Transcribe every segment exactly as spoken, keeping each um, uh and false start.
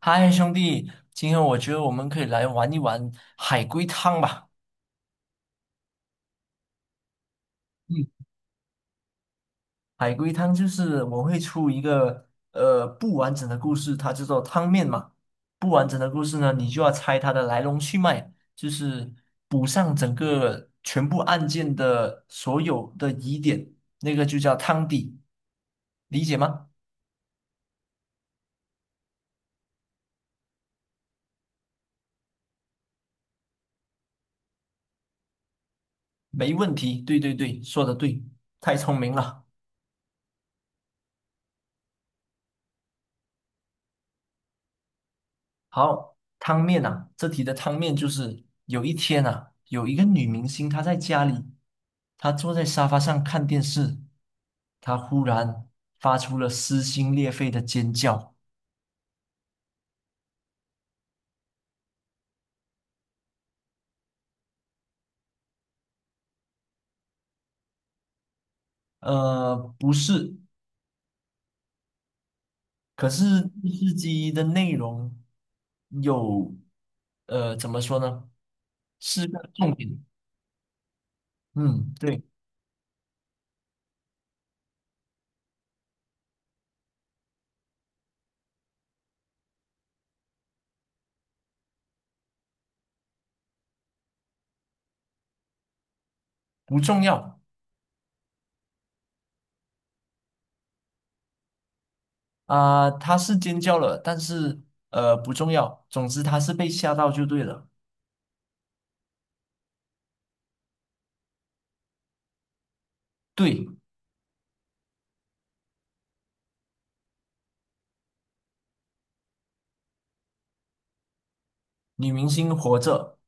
嗨，兄弟，今天我觉得我们可以来玩一玩海龟汤吧。嗯，海龟汤就是我会出一个呃不完整的故事，它叫做汤面嘛。不完整的故事呢，你就要猜它的来龙去脉，就是补上整个全部案件的所有的疑点，那个就叫汤底，理解吗？没问题，对对对，说的对，太聪明了。好，汤面啊，这题的汤面就是有一天啊，有一个女明星她在家里，她坐在沙发上看电视，她忽然发出了撕心裂肺的尖叫。呃，不是，可是电视机的内容有，呃，怎么说呢？是个重点。嗯，对，不重要啊，她是尖叫了，但是呃不重要，总之她是被吓到就对了。对。女明星活着，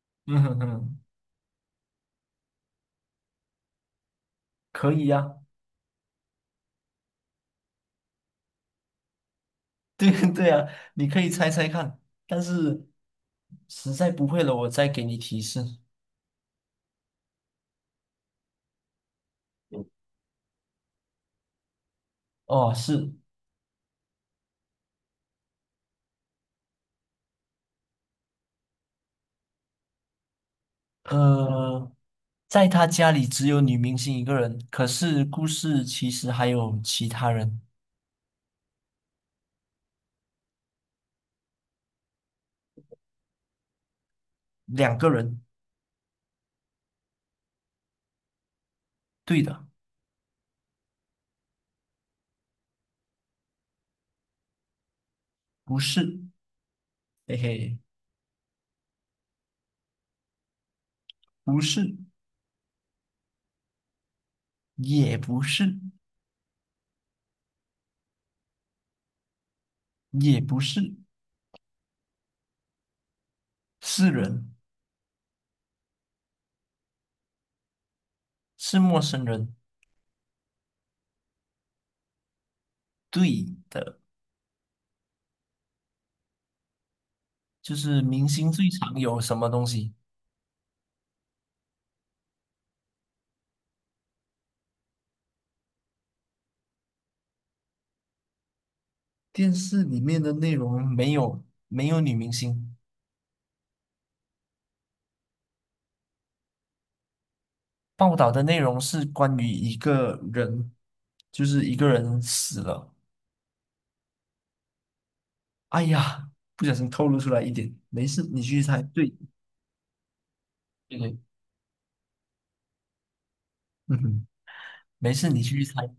嗯哼哼，可以呀、对对呀、你可以猜猜看，但是实在不会了，我再给你提示。哦，是，呃，在他家里只有女明星一个人，可是故事其实还有其他人，两个人，对的，不是，嘿嘿，不是，也不是，也不是，是人，是陌生人，对的，就是明星最常有什么东西？电视里面的内容没有没有女明星，报道的内容是关于一个人，就是一个人死了。哎呀，不小心透露出来一点，没事，你继续猜。对，对对，嗯哼，没事，你继续猜。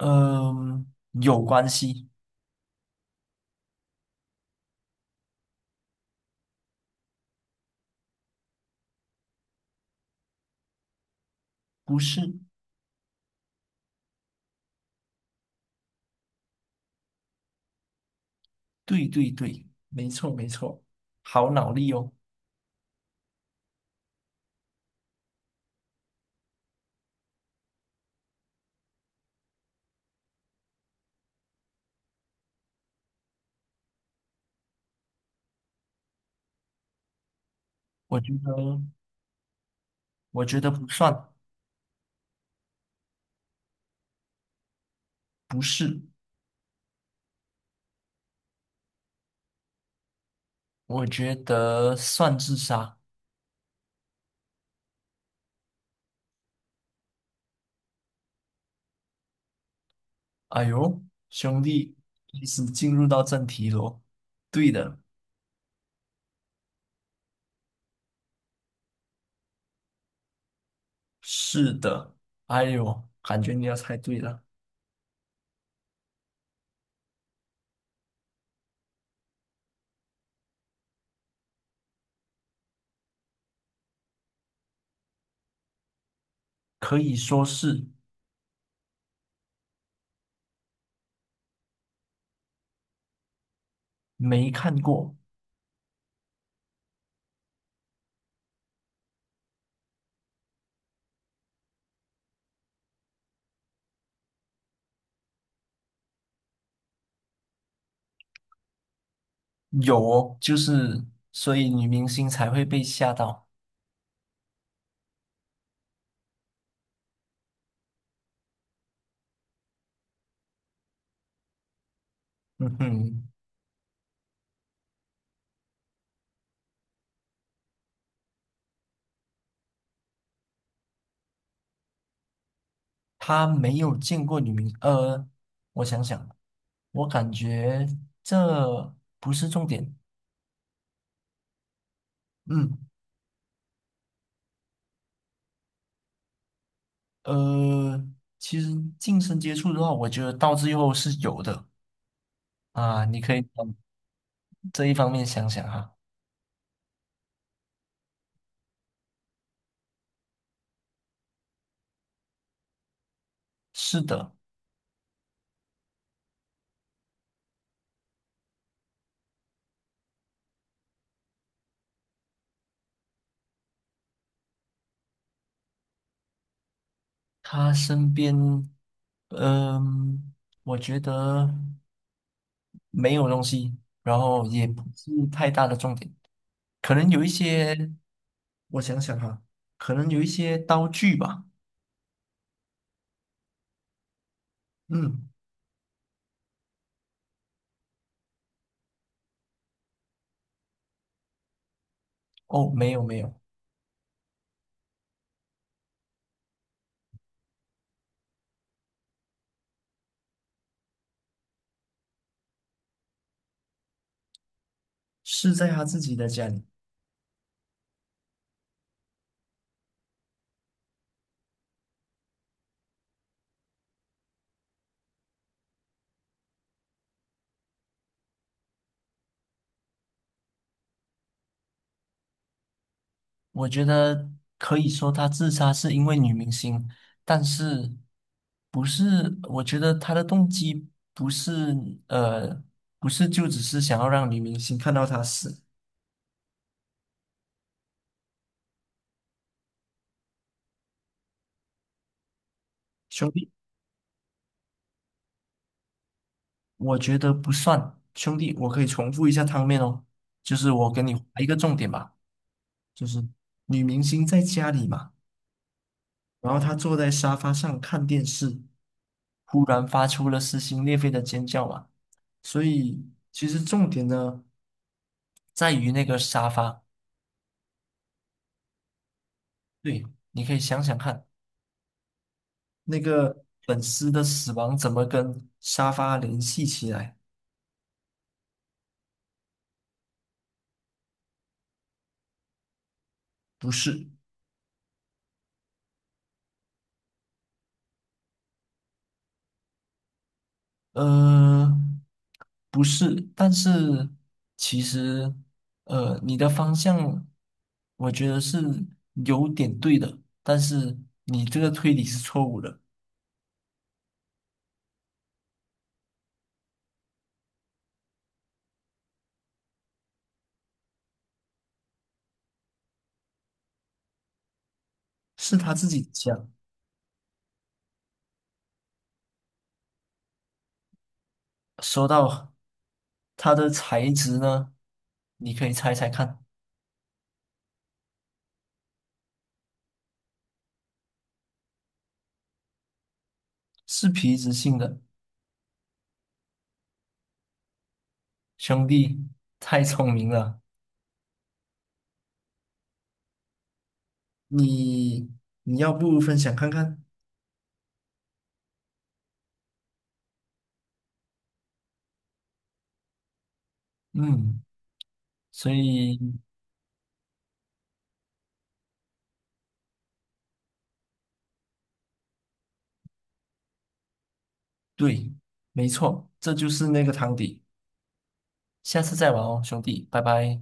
嗯、有关系，不是？对对对，没错没错，好脑力哦。我觉得，我觉得不算，不是，我觉得算自杀。哎呦，兄弟，开始进入到正题喽。对的，是的。哎呦，感觉你要猜对了，可以说是没看过，有哦，就是所以女明星才会被吓到。嗯哼，他没有见过女明，呃，我想想，我感觉这不是重点。嗯，呃，其实近身接触的话，我觉得到最后是有的啊，你可以。这一方面想想哈，是的，他身边，嗯，我觉得没有东西，然后也不是太大的重点，可能有一些，我想想哈，可能有一些刀具吧，嗯，哦，没有没有，是在他自己的家里，我觉得可以说他自杀是因为女明星，但是不是？我觉得他的动机不是呃，不是就只是想要让女明星看到他死。兄弟，我觉得不算。兄弟，我可以重复一下汤面哦，就是我跟你划一个重点吧，就是女明星在家里嘛，然后她坐在沙发上看电视，忽然发出了撕心裂肺的尖叫嘛。所以其实重点呢。在于那个沙发。对，你可以想想看，那个粉丝的死亡怎么跟沙发联系起来？不是，呃，不是，但是其实，呃，你的方向，我觉得是有点对的，但是你这个推理是错误的，是他自己讲。说到它的材质呢，你可以猜猜看，是皮质性的。兄弟，太聪明了。你你要不分享看看？嗯，所以对，没错，这就是那个汤底。下次再玩哦，兄弟，拜拜。